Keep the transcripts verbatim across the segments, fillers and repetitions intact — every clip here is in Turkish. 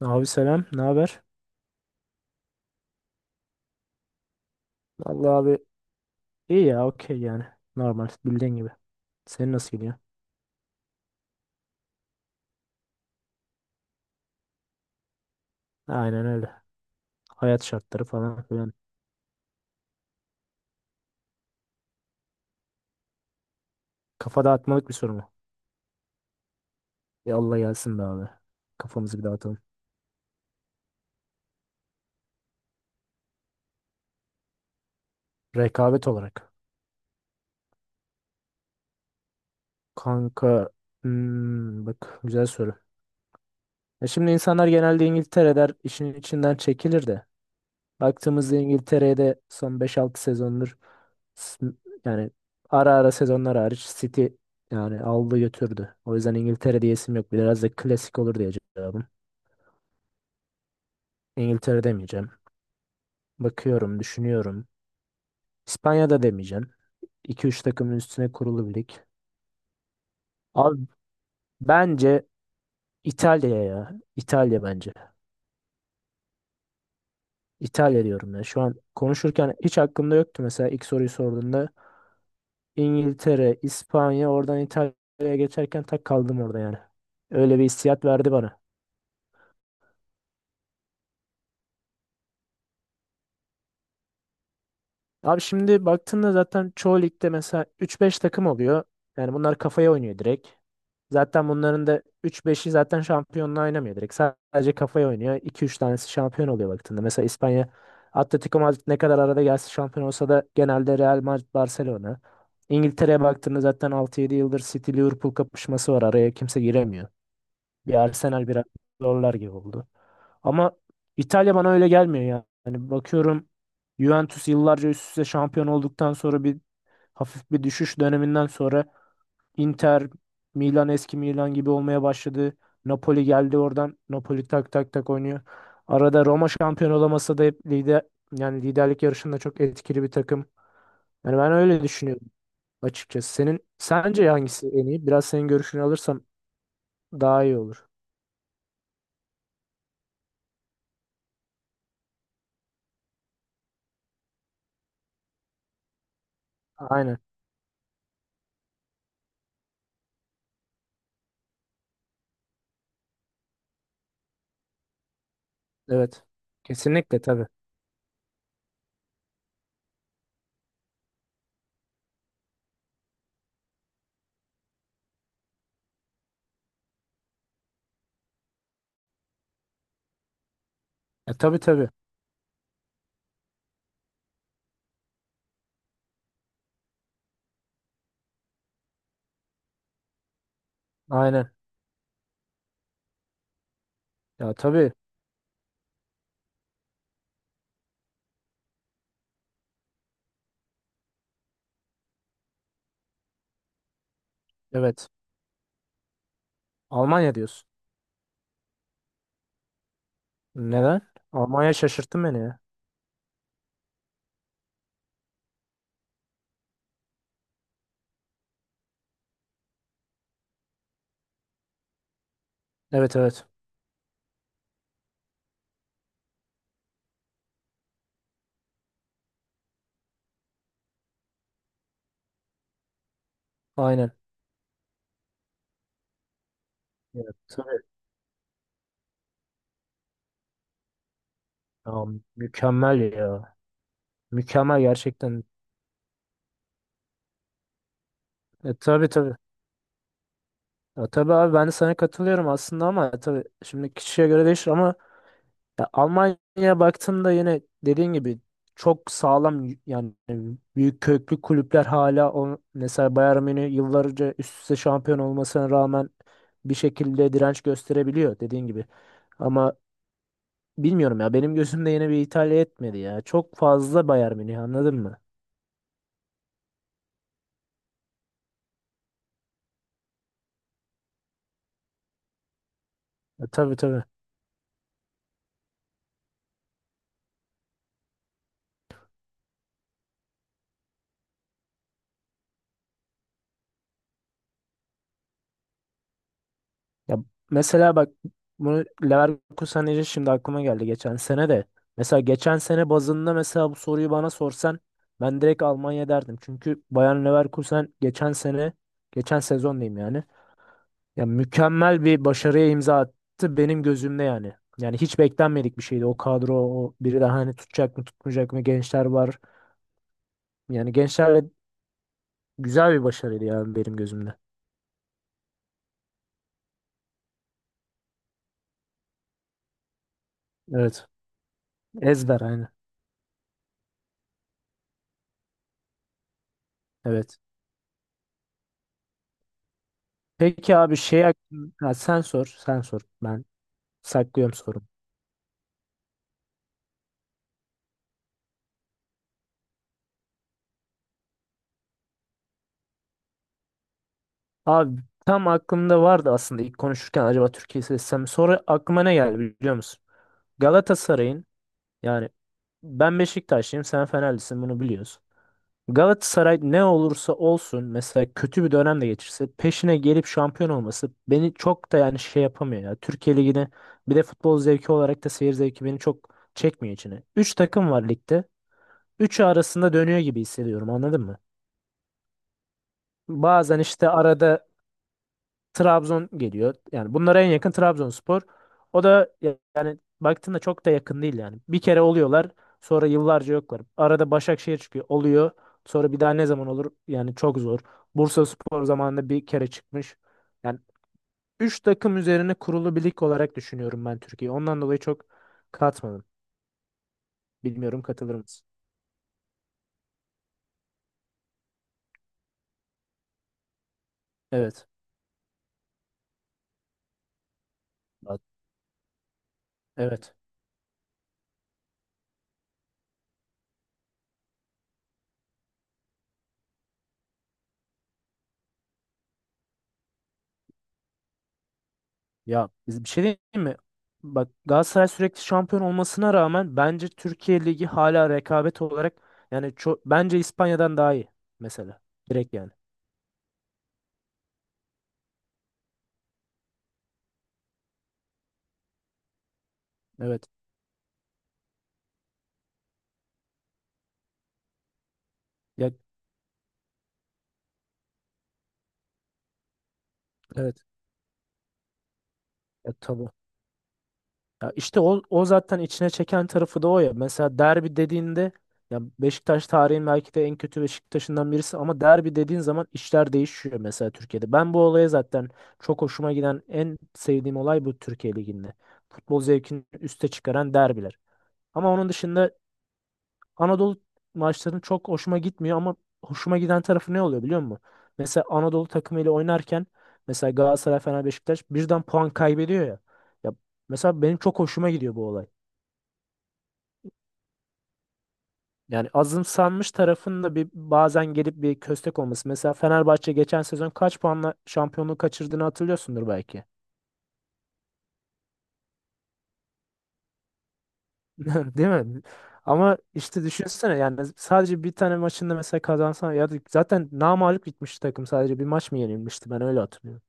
Abi selam, ne haber? Vallahi abi iyi ya, okey yani. Normal, bildiğin gibi. Senin nasıl gidiyor? Aynen öyle. Hayat şartları falan filan. Kafa dağıtmalık bir soru mu? Yallah gelsin be abi. Kafamızı bir dağıtalım. Rekabet olarak. Kanka, hmm, bak güzel soru. Ya şimdi insanlar genelde İngiltere der, işin içinden çekilir de. Baktığımızda İngiltere'de son beş altı sezondur S- yani ara ara sezonlar hariç City yani aldı götürdü. O yüzden İngiltere diyesim yok. Biraz da klasik olur diye cevabım. İngiltere demeyeceğim. Bakıyorum, düşünüyorum. İspanya'da demeyeceğim. iki üç takımın üstüne kurulu bir lig. Abi bence İtalya ya. İtalya bence. İtalya diyorum ya. Şu an konuşurken hiç aklımda yoktu mesela ilk soruyu sorduğunda. İngiltere, İspanya, oradan İtalya'ya geçerken tak kaldım orada yani. Öyle bir hissiyat verdi bana. Abi şimdi baktığında zaten çoğu ligde mesela üç beş takım oluyor. Yani bunlar kafaya oynuyor direkt. Zaten bunların da üç beşi zaten şampiyonla oynamıyor direkt. Sadece kafaya oynuyor. iki üç tanesi şampiyon oluyor baktığında. Mesela İspanya Atletico Madrid ne kadar arada gelse şampiyon olsa da genelde Real Madrid Barcelona. İngiltere'ye baktığında zaten altı yedi yıldır City Liverpool kapışması var. Araya kimse giremiyor. Bir Arsenal biraz zorlar gibi oldu. Ama İtalya bana öyle gelmiyor ya. Yani bakıyorum Juventus yıllarca üst üste şampiyon olduktan sonra bir hafif bir düşüş döneminden sonra Inter, Milan eski Milan gibi olmaya başladı. Napoli geldi oradan. Napoli tak tak tak oynuyor. Arada Roma şampiyon olamasa da hep lider yani liderlik yarışında çok etkili bir takım. Yani ben öyle düşünüyorum açıkçası. Senin sence hangisi en iyi? Biraz senin görüşünü alırsam daha iyi olur. Aynen. Evet. Kesinlikle tabii. E, tabii tabii. Aynen. Ya tabii. Evet. Almanya diyorsun. Neden? Almanya şaşırttı beni ya. Evet evet. Aynen. Ya, tabii. Ya, mükemmel ya. Mükemmel gerçekten. E, tabii tabii. Ya, tabii abi ben de sana katılıyorum aslında ama tabii şimdi kişiye göre değişir ama ya Almanya'ya baktığımda yine dediğin gibi çok sağlam y- yani büyük köklü kulüpler hala o mesela Bayern Münih yıllarca üst üste şampiyon olmasına rağmen bir şekilde direnç gösterebiliyor dediğin gibi. Ama bilmiyorum ya benim gözümde yine bir İtalya etmedi ya. Çok fazla Bayern Münih anladın mı? Ya, tabii tabii. Ya mesela bak bunu Leverkusen deyince şimdi aklıma geldi geçen sene de. Mesela geçen sene bazında mesela bu soruyu bana sorsan ben direkt Almanya derdim. Çünkü Bayer Leverkusen geçen sene geçen sezon diyeyim yani. Ya mükemmel bir başarıya imza attı benim gözümde yani. Yani hiç beklenmedik bir şeydi o kadro o biri daha hani tutacak mı tutmayacak mı gençler var. Yani gençlerle güzel bir başarıydı yani benim gözümde. Evet. Ezber aynı. Evet. Peki abi şey hakkın- ha, sen sor sen sor ben saklıyorum sorumu. Abi tam aklımda vardı aslında ilk konuşurken acaba Türkiye'yi seçsem sonra aklıma ne geldi biliyor musun? Galatasaray'ın yani ben Beşiktaşlıyım sen Fenerlisin bunu biliyoruz. Galatasaray ne olursa olsun mesela kötü bir dönem de geçirse peşine gelip şampiyon olması beni çok da yani şey yapamıyor ya. Türkiye Ligi'ni bir de futbol zevki olarak da seyir zevki beni çok çekmiyor içine. Üç takım var ligde. Üçü arasında dönüyor gibi hissediyorum anladın mı? Bazen işte arada Trabzon geliyor. Yani bunlara en yakın Trabzonspor. O da ya- yani baktığında çok da yakın değil yani. Bir kere oluyorlar, sonra yıllarca yoklar. Arada Başakşehir çıkıyor, oluyor. Sonra bir daha ne zaman olur? Yani çok zor. Bursaspor zamanında bir kere çıkmış. Yani üç takım üzerine kurulu bir lig olarak düşünüyorum ben Türkiye'yi. Ondan dolayı çok katmadım. Bilmiyorum katılır mısın? Evet. Bak. Evet. Ya biz- bir şey diyeyim mi? Bak Galatasaray sürekli şampiyon olmasına rağmen bence Türkiye Ligi hala rekabet olarak yani çok bence İspanya'dan daha iyi mesela. Direkt yani. Evet. Ya evet. Ya tabii. Ya işte o, o zaten içine çeken tarafı da o ya. Mesela derbi dediğinde ya Beşiktaş tarihin belki de en kötü Beşiktaş'ından birisi ama derbi dediğin zaman işler değişiyor mesela Türkiye'de. Ben bu olaya zaten çok hoşuma giden en sevdiğim olay bu Türkiye Ligi'nde. Futbol zevkini üste çıkaran derbiler. Ama onun dışında Anadolu maçlarının çok hoşuma gitmiyor ama hoşuma giden tarafı ne oluyor biliyor musun? Mesela Anadolu takımıyla oynarken mesela Galatasaray, Fener, Beşiktaş birden puan kaybediyor ya. Ya mesela benim çok hoşuma gidiyor bu olay. Yani azımsanmış tarafın da bir bazen gelip bir köstek olması. Mesela Fenerbahçe geçen sezon kaç puanla şampiyonluğu kaçırdığını hatırlıyorsundur belki. Değil mi? Ama işte düşünsene yani sadece bir tane maçında mesela kazansan ya da zaten namağlup gitmiş takım sadece bir maç mı yenilmişti ben öyle hatırlıyorum.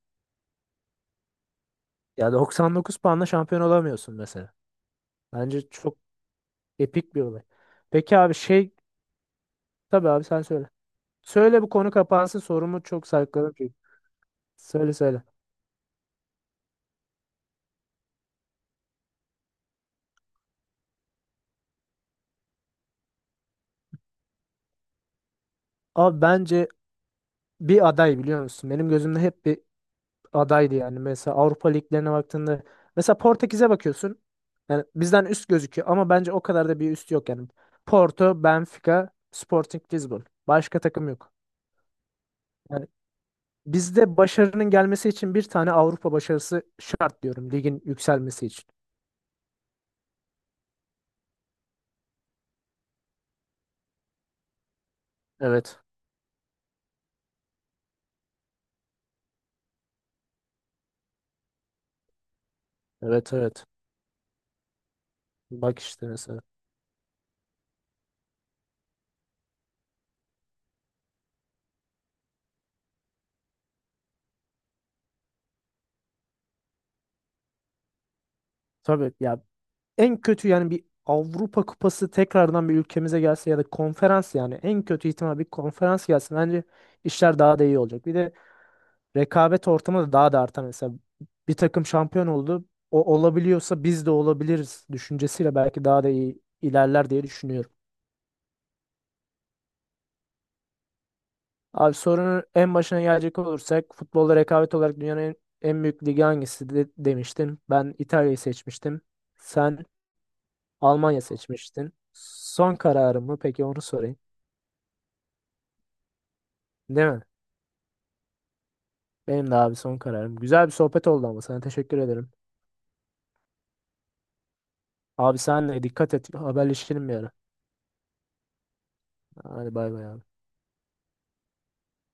Ya doksan dokuz puanla şampiyon olamıyorsun mesela. Bence çok epik bir olay. Peki abi şey tabii abi sen söyle. Söyle bu konu kapansın sorumu çok sarkladım çünkü. Söyle söyle. Abi bence bir aday biliyor musun? Benim gözümde hep bir adaydı yani. Mesela Avrupa liglerine baktığında mesela Portekiz'e bakıyorsun. Yani bizden üst gözüküyor ama bence o kadar da bir üst yok yani. Porto, Benfica, Sporting Lisbon. Başka takım yok. Yani bizde başarının gelmesi için bir tane Avrupa başarısı şart diyorum ligin yükselmesi için. Evet. Evet evet. Bak işte mesela. Tabii ya en kötü yani bir Avrupa Kupası tekrardan bir ülkemize gelse ya da konferans yani en kötü ihtimal bir konferans gelsin. Bence işler daha da iyi olacak. Bir de rekabet ortamı da daha da artar mesela. Bir takım şampiyon oldu. O olabiliyorsa biz de olabiliriz düşüncesiyle belki daha da iyi ilerler diye düşünüyorum. Abi sorunun en başına gelecek olursak futbolda rekabet olarak dünyanın en, en büyük ligi hangisi de, demiştin. Ben İtalya'yı seçmiştim. Sen Almanya seçmiştin. Son kararım mı? Peki onu sorayım. Değil mi? Benim de abi son kararım. Güzel bir sohbet oldu ama sana teşekkür ederim. Abi senle dikkat et. Haberleşelim bir ara. Hadi bay bay abi.